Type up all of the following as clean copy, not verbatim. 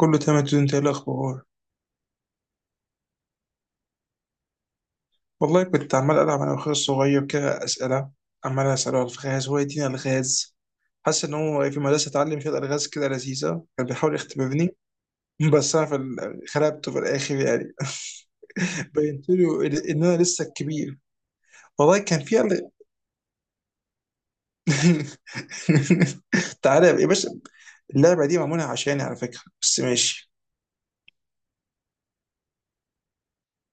كله تمام يا دود، انت ايه الاخبار؟ والله كنت عمال العب انا واخويا الصغير كده اسئله، عمال اساله الغاز، هو يديني الغاز. حاسس ان هو في مدرسه اتعلم شويه الغاز كده لذيذه، كان بيحاول يختبرني. بس انا في خلبته في الاخر يعني. بينت له إن انا لسه الكبير. والله كان في تعالى يا باشا. اللعبه دي معموله عشاني على فكره، بس ماشي.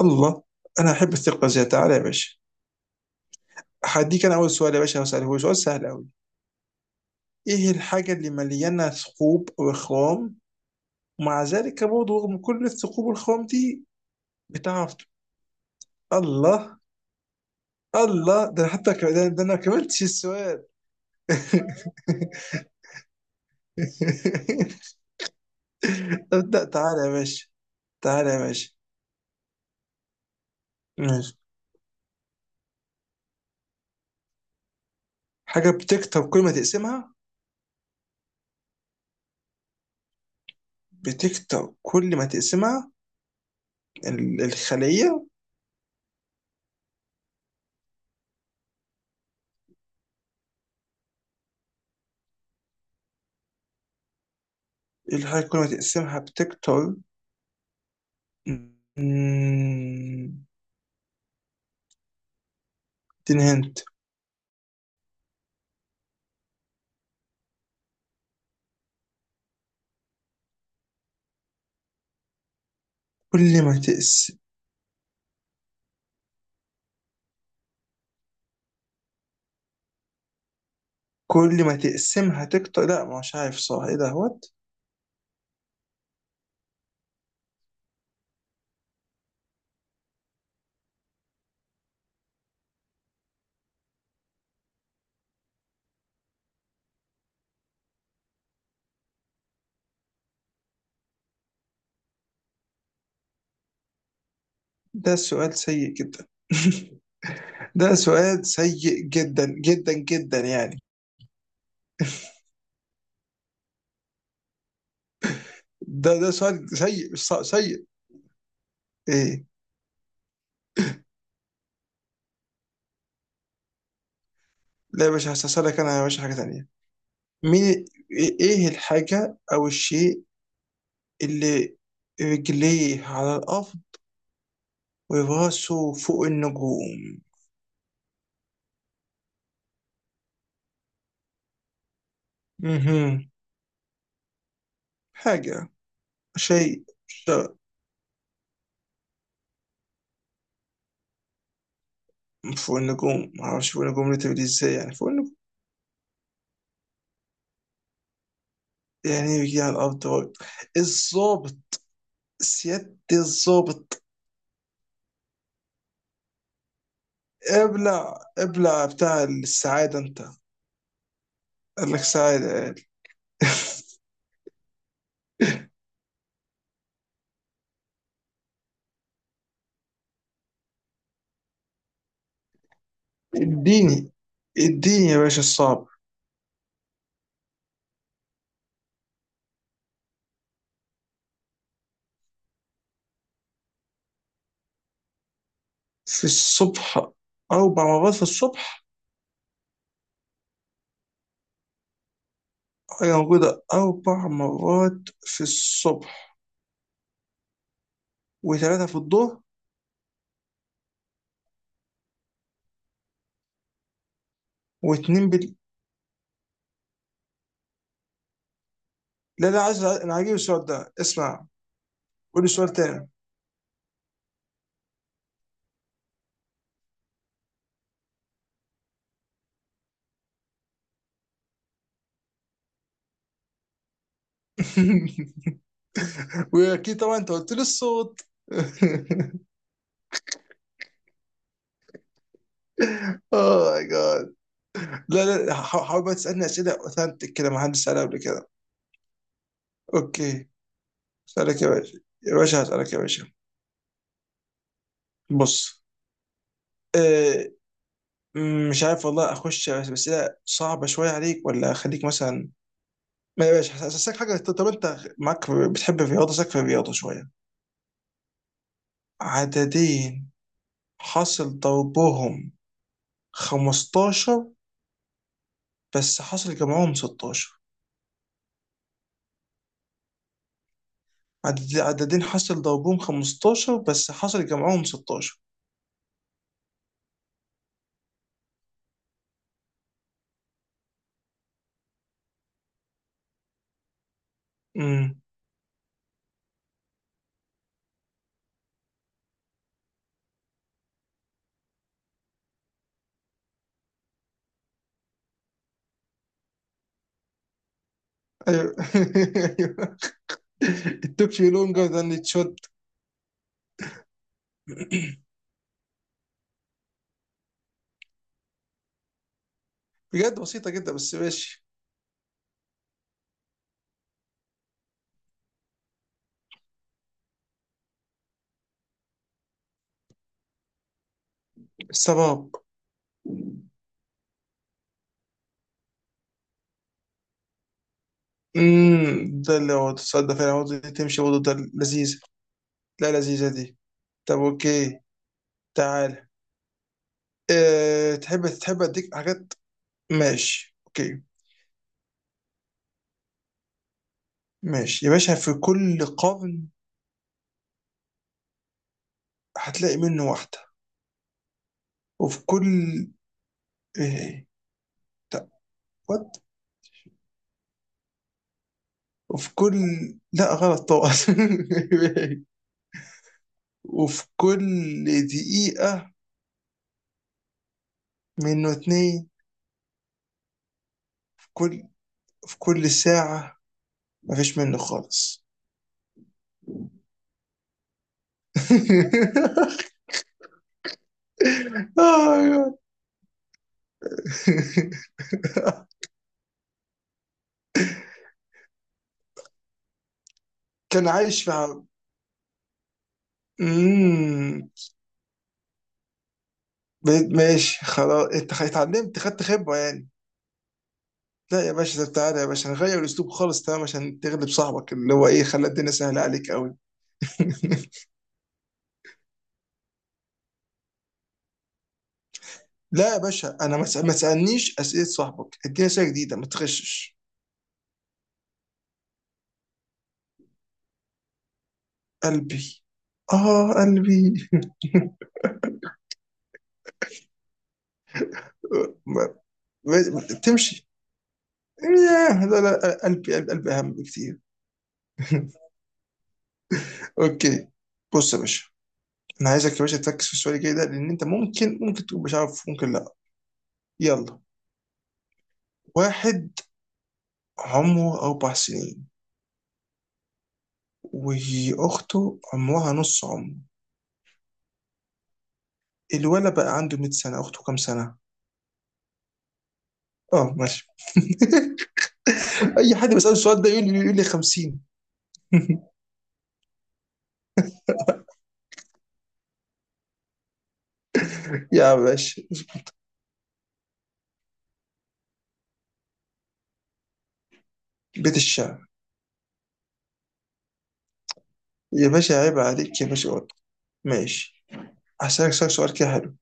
الله، انا احب الثقه، زي تعالى يا باشا. هديك انا اول سؤال يا باشا، هساله، هو سؤال سهل قوي. ايه الحاجة اللي مليانة ثقوب وخوام، ومع ذلك برضه رغم كل الثقوب والخوام دي، بتعرف الله، الله. ده أنا حتى ده انا ما كملتش السؤال. ابدأ تعالى يا باشا، تعالى يا باشا. ماشي. حاجة بتكتر كل ما تقسمها، بتكتر كل ما تقسمها. الخلية. إيه الحاجة كل ما تقسمها بتكتر؟ مم، اديني هنت. كل ما تقسم، كل ما تقسمها تكتر. لا مش عارف، صح ايه ده هوت. ده سؤال سيء جدا. ده سؤال سيء جدا جدا جدا يعني. ده سؤال سيء، مش سيء. ايه؟ لا يا باشا، هسألك انا يا باشا حاجة تانية. مين، ايه، إيه الحاجة او الشيء اللي رجليه على الارض وراسه فوق النجوم؟ مهم. حاجة، شيء شيء فوق النجوم، معرفش فوق النجوم ليه، ازاي يعني فوق النجوم؟ يعني ايه بيجي على الارض هو؟ الظابط، سيادة الظابط. ابلع ابلع بتاع السعادة انت. قال لك سعادة قال. اديني، اديني يا باشا الصعب. في الصبح، أربع مرات في الصبح. حاجة موجودة أربع مرات في الصبح، وثلاثة في الظهر، واتنين بال... لا لا، عايز أنا، عاجبني السؤال ده اسمع، قولي سؤال تاني. وأكيد طبعا أنت قلت لي الصوت. أوه ماي جاد. لا لا، حاول بقى تسألني أسئلة أوثنتك كده، ما حدش سألها قبل كده. أوكي، أسألك يا باشا، يا باشا هسألك يا باشا. بص، آه، مش عارف والله، أخش بس أسئلة صعبة شوية عليك، ولا أخليك مثلا. ما يا باشا، هسألك حاجة. طب أنت معاك بتحب الرياضة، سألك في الرياضة شوية. عددين حصل ضربهم 15 بس حصل جمعهم 16. عددين حصل ضربهم 15 بس حصل جمعهم 16. امم ايوه. it took you longer than it should. بجد بسيطة جدا بس ماشي. السباب. ده اللي هو تصدق فعلا عاوز تمشي برضه، ده لذيذ. لا لذيذة دي. طب اوكي، تعال، أه، تحب اديك حاجات، ماشي اوكي. ماشي يا باشا، في كل قرن هتلاقي منه واحدة. وفي كل، ايه، طب، وات، وفي كل، لا غلط طبعا. وفي كل دقيقة منه اتنين. في كل، في كل ساعة مفيش منه خالص. آه، يا. كان عايش مع. امم بقيت ماشي خلاص، انت اتعلمت، خدت خبرة يعني. لا يا باشا، طب تعالى يا باشا نغير الاسلوب خالص، تمام، عشان تغلب صاحبك اللي هو ايه، خلى الدنيا سهلة عليك قوي. لا يا باشا، انا ما تسالنيش اسئله صاحبك، اديني اسئله جديده، ما تغشش. قلبي، اه قلبي. ما- تمشي، ياه، لا لا، قلبي قلبي, قلبي اهم بكتير. اوكي، بص يا باشا، انا عايزك يا باشا تركز في السؤال الجاي ده، لان انت ممكن، تكون مش عارف، ممكن لا. يلا، واحد عمره 4 سنين، واخته عمرها نص عمره، الولد بقى عنده 100 سنه، اخته كام سنه؟ اه ماشي. اي حد بيسال السؤال ده يقول لي، 50. يا باشا، بيت الشعر. يا باشا عيب عليك يا باشا، قط. ماشي، هسألك سؤال، سؤال كده حلو.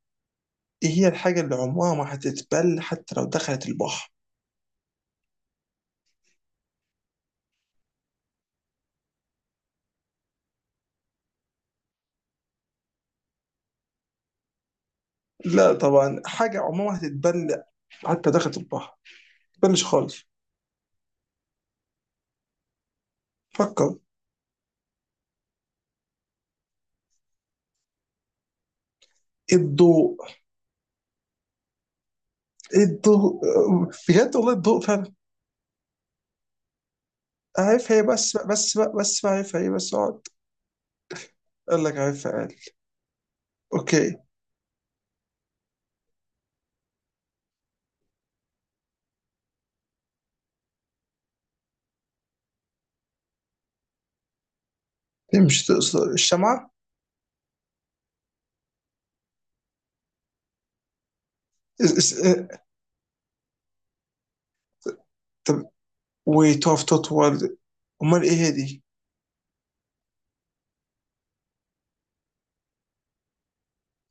ايه هي الحاجه اللي عمرها ما هتتبل حتى لو دخلت البحر؟ لا طبعا، حاجة عموما هتتبلع حتى داخل البحر، تبلش خالص، فكر. الضوء، الضوء، بجد والله الضوء فعلا. عارفها هي بس بقى بس بقى بس بقى، عارفها هي بس اقعد. قال لك عارفها قال. اوكي. مش تقصد الشمعة؟ اس- اس- اه، طب، وتقف تطول، امال ايه هي دي؟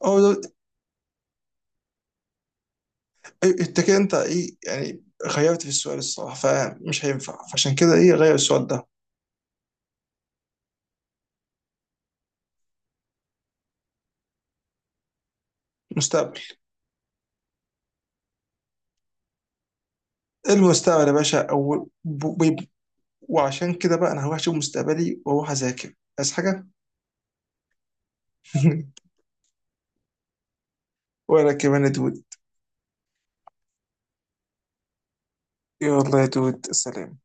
اه انت كده، انت ايه يعني، غيرت في السؤال الصراحة، فمش هينفع، فعشان كده ايه غير السؤال ده. مستقبل، المستقبل يا باشا. او وعشان كده بقى انا هروح اشوف مستقبلي، واروح اذاكر، عايز حاجه. ولا كمان يا دود، يلا يا دود سلام.